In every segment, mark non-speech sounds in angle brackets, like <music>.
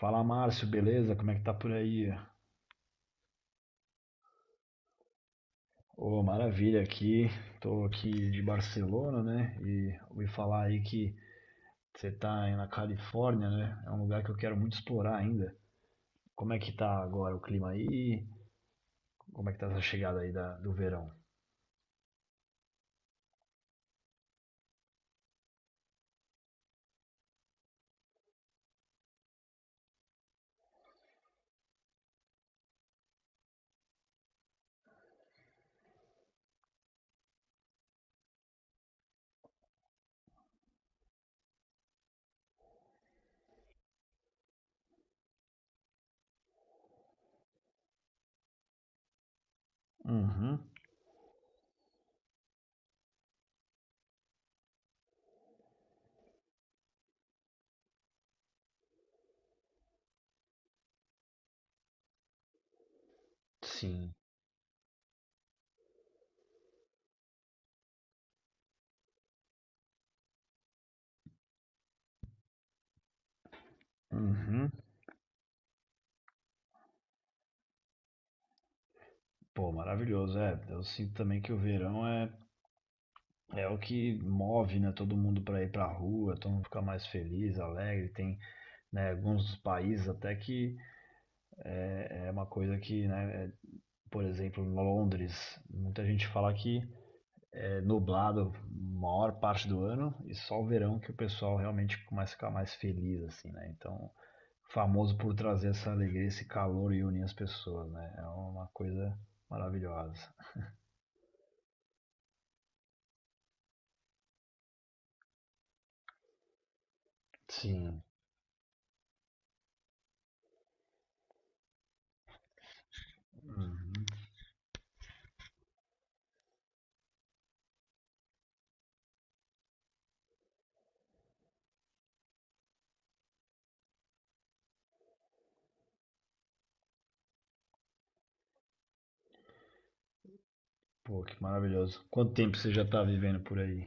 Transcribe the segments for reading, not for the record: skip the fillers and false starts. Fala Márcio, beleza? Como é que tá por aí? Ô, maravilha aqui. Tô aqui de Barcelona, né? E ouvi falar aí que você tá aí na Califórnia, né? É um lugar que eu quero muito explorar ainda. Como é que tá agora o clima aí? Como é que tá essa chegada aí do verão? Uhum, sim. Uhum. Pô, maravilhoso. É, eu sinto também que o verão é o que move, né? Todo mundo pra ir pra rua, todo mundo fica mais feliz, alegre, tem né, alguns países até que é uma coisa que, né, por exemplo, em Londres, muita gente fala que é nublado a maior parte do ano e só o verão que o pessoal realmente começa a ficar mais feliz, assim, né? Então, famoso por trazer essa alegria, esse calor e unir as pessoas, né? É uma coisa maravilhosa. Sim. Uhum. Pô, que maravilhoso. Quanto tempo você já está vivendo por aí?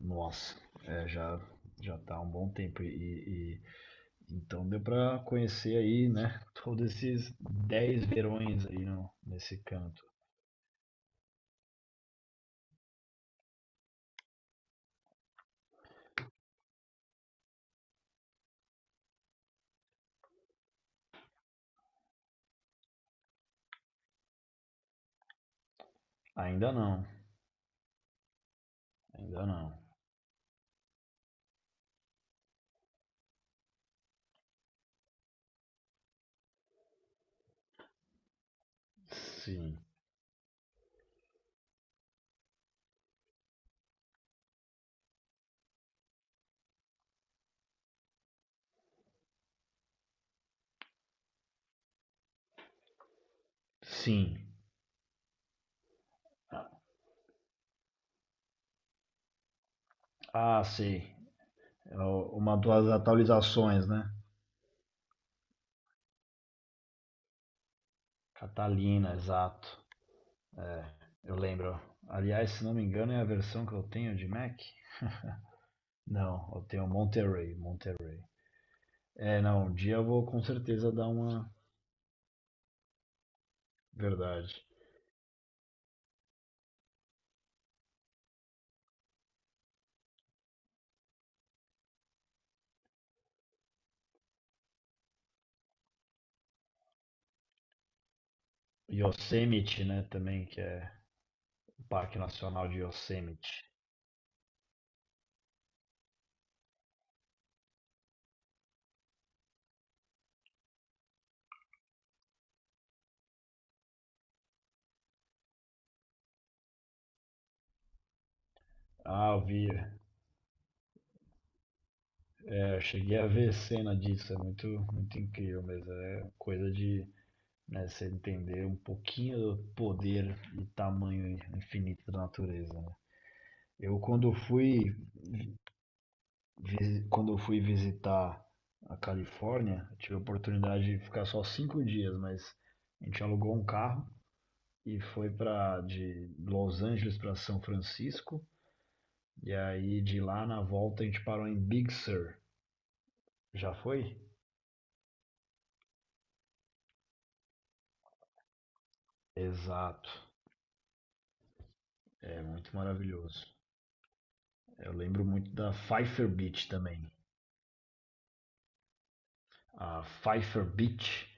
Nossa, é, já tá há um bom tempo e- Então deu para conhecer aí, né, <laughs> todos esses 10 verões aí nesse canto. Ainda não, ainda não. Sim, sim. Ah, sei. Uma das atualizações, né? Catalina, exato. É, eu lembro. Aliás, se não me engano, é a versão que eu tenho de Mac. Não, eu tenho Monterey, Monterey. É, não, um dia eu vou com certeza dar uma verdade. Yosemite, né, também, que é o Parque Nacional de Yosemite. Ah, eu vi. É, eu cheguei a ver cena disso, é muito, muito incrível, mas é coisa de, né, você entender um pouquinho do poder e tamanho infinito da natureza, né? Eu quando fui, quando eu fui visitar a Califórnia, eu tive a oportunidade de ficar só 5 dias, mas a gente alugou um carro e foi para de Los Angeles para São Francisco, e aí de lá na volta a gente parou em Big Sur. Já foi? Exato. É muito maravilhoso. Eu lembro muito da Pfeiffer Beach também. A Pfeiffer Beach,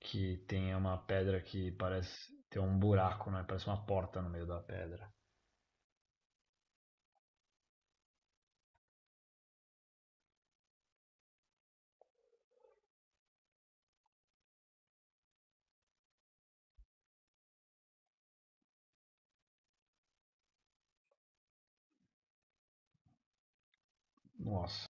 que tem uma pedra que parece ter um buraco, né? Parece uma porta no meio da pedra. Nossa.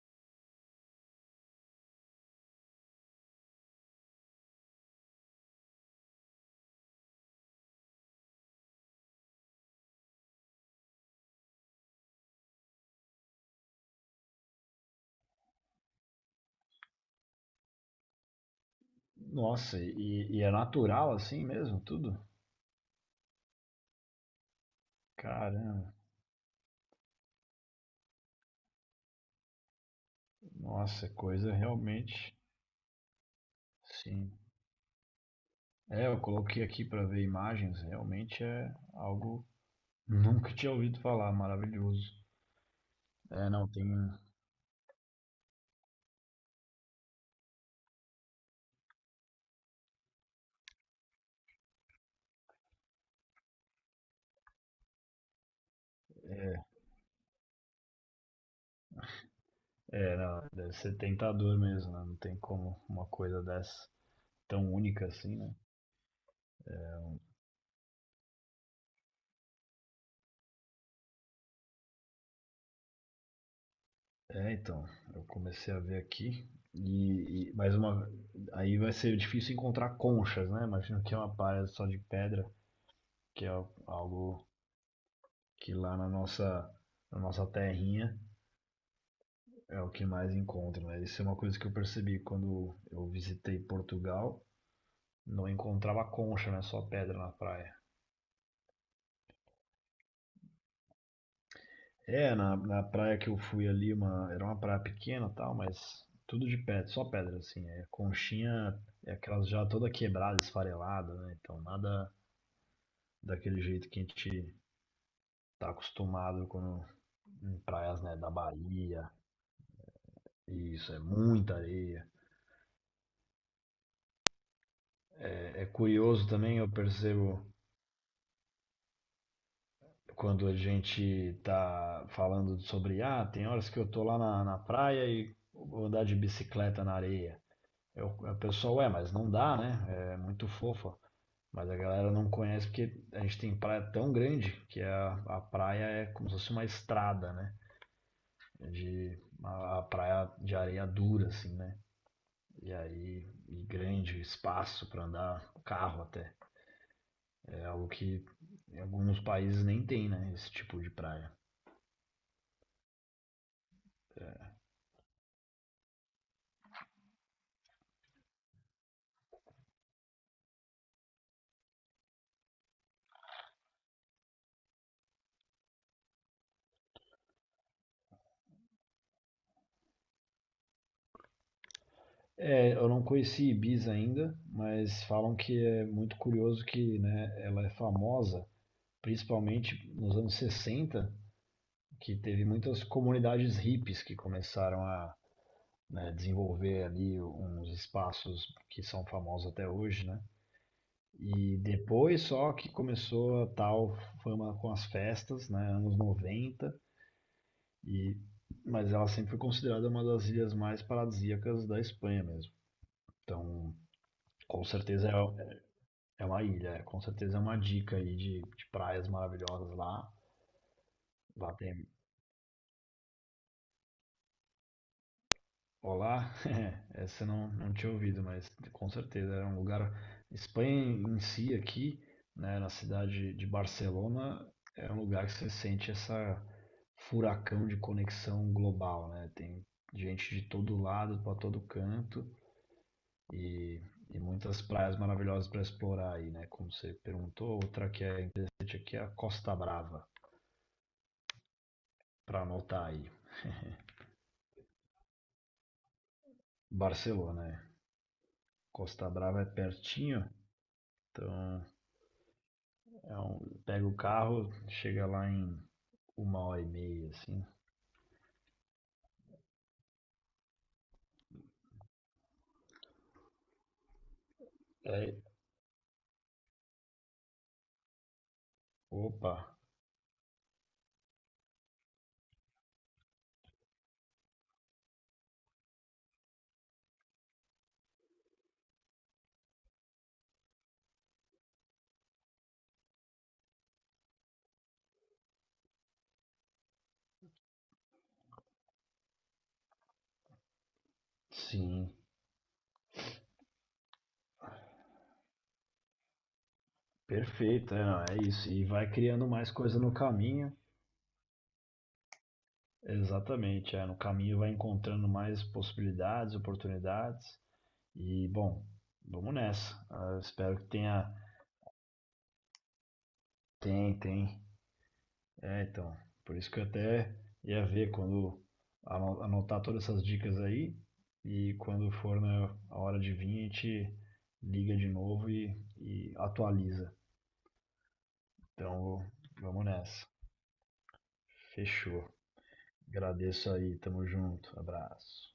Nossa, e é natural assim mesmo, tudo? Caramba. Nossa, é coisa realmente. Sim. É, eu coloquei aqui para ver imagens, realmente é algo nunca tinha ouvido falar, maravilhoso. É, não, tem. É, não, deve ser tentador mesmo, né? Não tem como uma coisa dessa tão única assim, né? É, então, eu comecei a ver aqui e mais uma, aí vai ser difícil encontrar conchas, né? Imagino que é uma praia só de pedra, que é algo que lá na nossa terrinha é o que mais encontra, né? Isso é uma coisa que eu percebi quando eu visitei Portugal, não encontrava concha, né? Só pedra na praia. É, na praia que eu fui ali, uma, era uma praia pequena e tal, mas tudo de pedra, só pedra, assim. É, conchinha, é aquelas já toda quebrada, esfarelada, né? Então nada daquele jeito que a gente tá acostumado quando, em praias, né, da Bahia. Isso, é muita areia. É curioso também, eu percebo quando a gente tá falando sobre, ah, tem horas que eu tô lá na praia e vou andar de bicicleta na areia. Eu, o pessoal, é, mas não dá, né? É muito fofa. Mas a galera não conhece porque a gente tem praia tão grande que a praia é como se fosse uma estrada, né? De, a praia de areia dura, assim, né? E aí, e grande espaço para andar carro até. É algo que em alguns países nem tem, né? Esse tipo de praia. É, eu não conheci Ibiza ainda, mas falam que é muito curioso que, né, ela é famosa, principalmente nos anos 60, que teve muitas comunidades hippies que começaram a né, desenvolver ali uns espaços que são famosos até hoje, né? E depois só que começou a tal fama com as festas, né, anos 90 e mas ela sempre foi considerada uma das ilhas mais paradisíacas da Espanha mesmo. Então, com certeza é uma ilha, é, com certeza é uma dica aí de praias maravilhosas lá. Lá tem Olá, <laughs> essa eu não tinha ouvido, mas com certeza era um lugar. Espanha em si aqui, né, na cidade de Barcelona, é um lugar que você sente essa furacão de conexão global, né? Tem gente de todo lado, para todo canto e, e muitas praias maravilhosas para explorar aí, né? Como você perguntou, outra que é interessante aqui é a Costa Brava, para anotar aí. Barcelona, né? Costa Brava é pertinho, então é um pega o carro, chega lá em uma hora e meia, assim. É, opa, sim, perfeito, é, não, é isso. E vai criando mais coisa no caminho. Exatamente, é, no caminho vai encontrando mais possibilidades, oportunidades. E, bom, vamos nessa. Ah, espero que tenha. Tem, tem. É, então, por isso que eu até ia ver quando anotar todas essas dicas aí e quando for na a hora de vir, a gente liga de novo e atualiza. Então, vamos nessa. Fechou. Agradeço aí, tamo junto. Abraço.